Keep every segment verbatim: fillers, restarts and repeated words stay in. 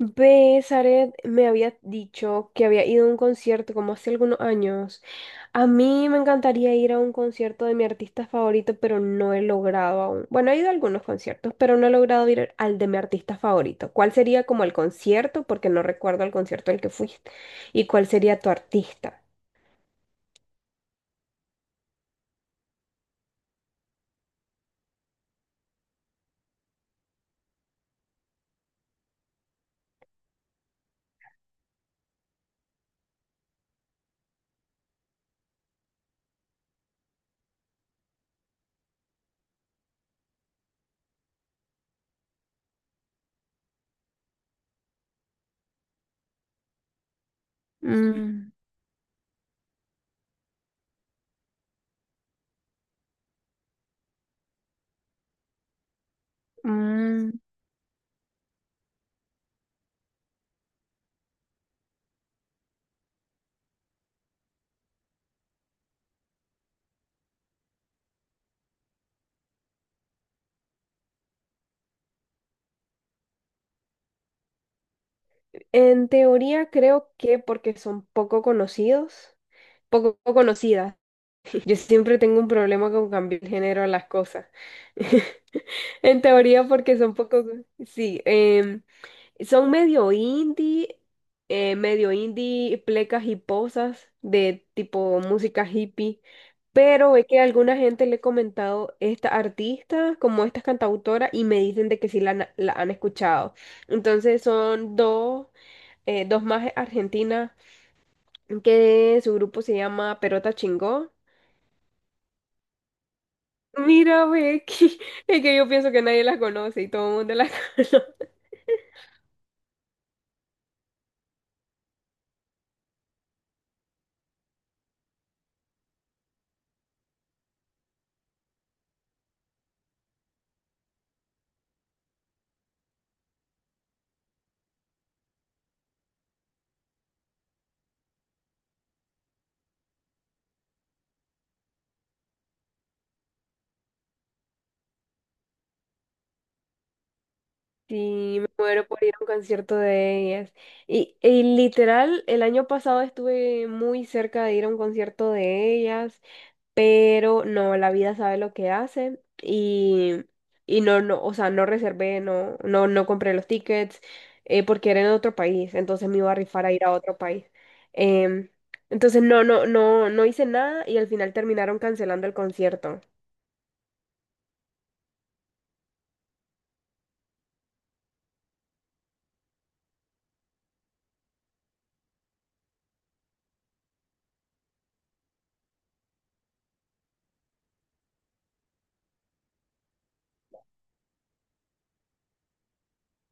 Ve, Zaret me había dicho que había ido a un concierto como hace algunos años. A mí me encantaría ir a un concierto de mi artista favorito, pero no he logrado aún. Bueno, he ido a algunos conciertos, pero no he logrado ir al de mi artista favorito. ¿Cuál sería como el concierto? Porque no recuerdo el concierto al que fuiste. ¿Y cuál sería tu artista? Mm, mm. En teoría creo que porque son poco conocidos, poco conocidas. Yo siempre tengo un problema con cambiar el género a las cosas. En teoría porque son poco, sí, em, son medio indie, eh, medio indie, plecas y posas de tipo música hippie, pero es que a alguna gente le he comentado esta artista como esta cantautora y me dicen de que sí la, han- la han escuchado. Entonces son dos eh, dos más argentinas, que su grupo se llama Perota Chingó. Mira, Becky, es que yo pienso que nadie las conoce y todo el mundo las conoce. Sí, me muero por ir a un concierto de ellas. Y, y literal, el año pasado estuve muy cerca de ir a un concierto de ellas, pero no, la vida sabe lo que hace y, y no, no, o sea, no reservé, no, no, no compré los tickets eh, porque era en otro país, entonces me iba a rifar a ir a otro país. Em, entonces no, no, no, no hice nada y al final terminaron cancelando el concierto.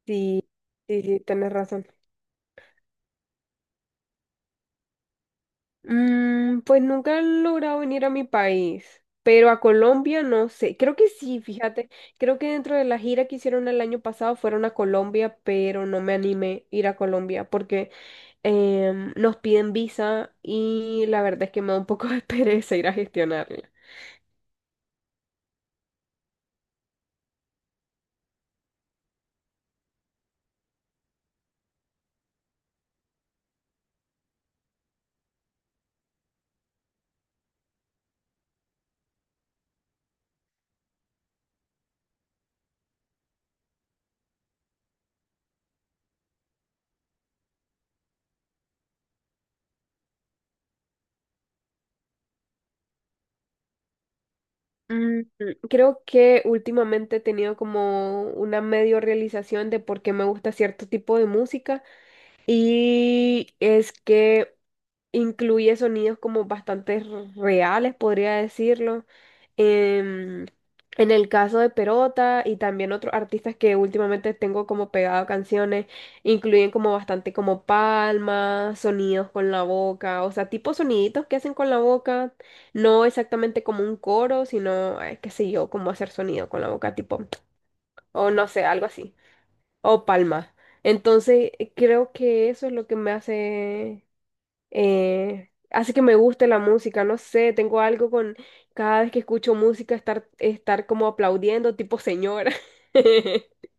Sí, sí, sí, tenés razón. Mm, pues nunca he logrado venir a mi país, pero a Colombia no sé. Creo que sí, fíjate. Creo que dentro de la gira que hicieron el año pasado fueron a Colombia, pero no me animé a ir a Colombia porque em, nos piden visa y la verdad es que me da un poco de pereza ir a gestionarla. Mm. Creo que últimamente he tenido como una medio realización de por qué me gusta cierto tipo de música y es que incluye sonidos como bastante r- reales, podría decirlo. Em, en el caso de Perota y también otros artistas que últimamente tengo como pegado canciones, incluyen como bastante como palmas, sonidos con la boca, o sea, tipo soniditos que hacen con la boca, no exactamente como un coro, sino, eh, qué sé yo, como hacer sonido con la boca, tipo, o no sé, algo así, o palmas. Entonces, creo que eso es lo que me hace eh, hace que me guste la música, no sé, tengo algo con cada vez que escucho música estar, estar como aplaudiendo tipo señora.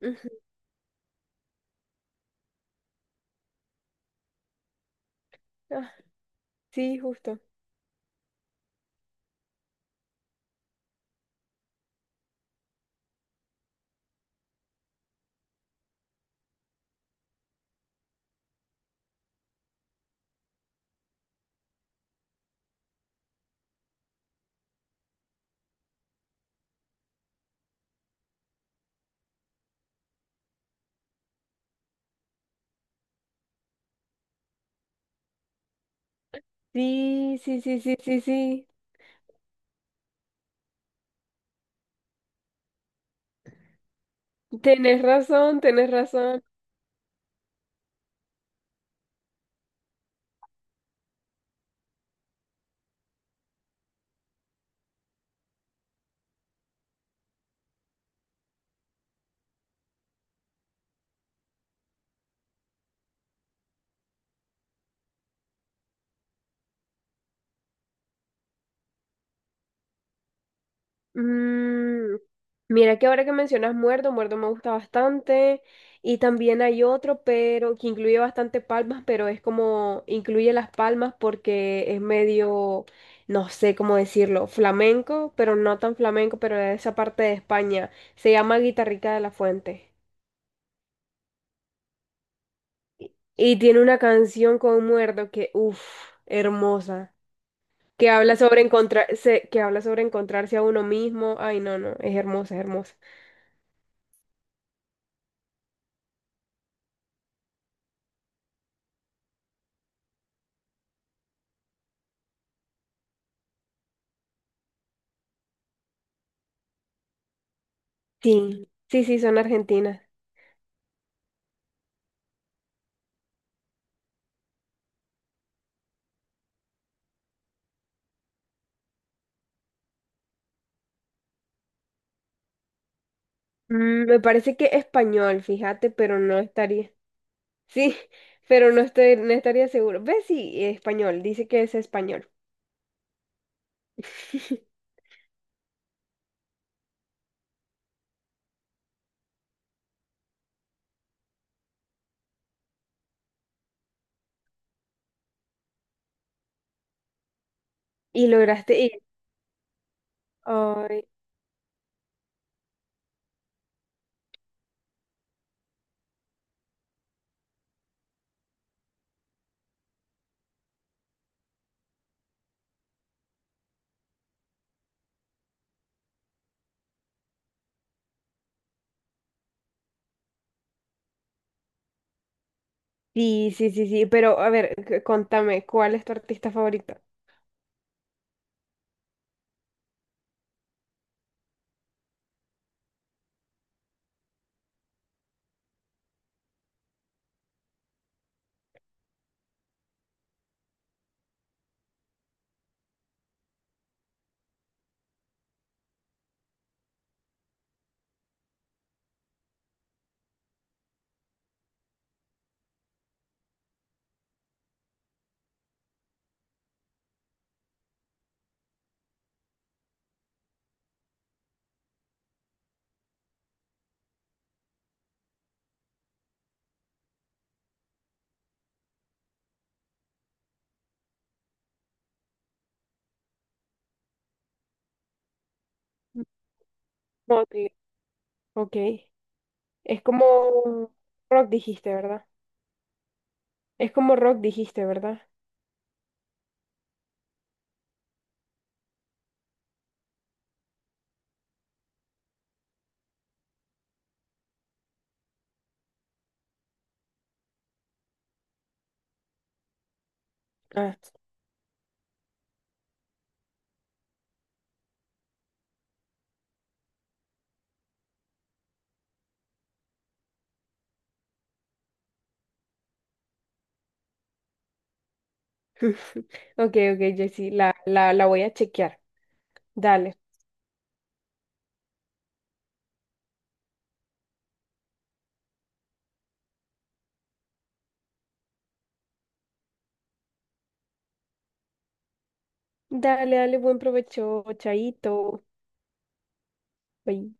Ujú. Ah, sí, justo. Sí, sí, sí, sí, sí, sí. Tenés razón, tenés razón. Mm, mira que ahora que mencionas Muerto, Muerto me gusta bastante. Y también hay otro, pero que incluye bastante palmas, pero es como incluye las palmas porque es medio, no sé cómo decirlo, flamenco, pero no tan flamenco, pero de esa parte de España. Se llama Guitarrica de la Fuente. Y tiene una canción con Muerto que, uff, hermosa. Que habla sobre encontrar, se- que habla sobre encontrarse a uno mismo. Ay, no, no, es hermosa, es hermosa. Sí, sí, sí, son argentinas. Mm, me parece que español, fíjate, pero no estaría. Sí, pero no estoy, no estaría seguro. ¿Ves? Sí, español, dice que es español. Y lograste ir. Ay, sí, sí, sí, sí, pero a ver, c- contame, ¿cuál es tu artista favorito? Motley. Ok. Es como rock dijiste, ¿verdad? Es como rock dijiste, ¿verdad? Ah. Ok, ok, Jessy, la, la, la voy a chequear. Dale. Dale, dale, buen provecho, chaito. Bye.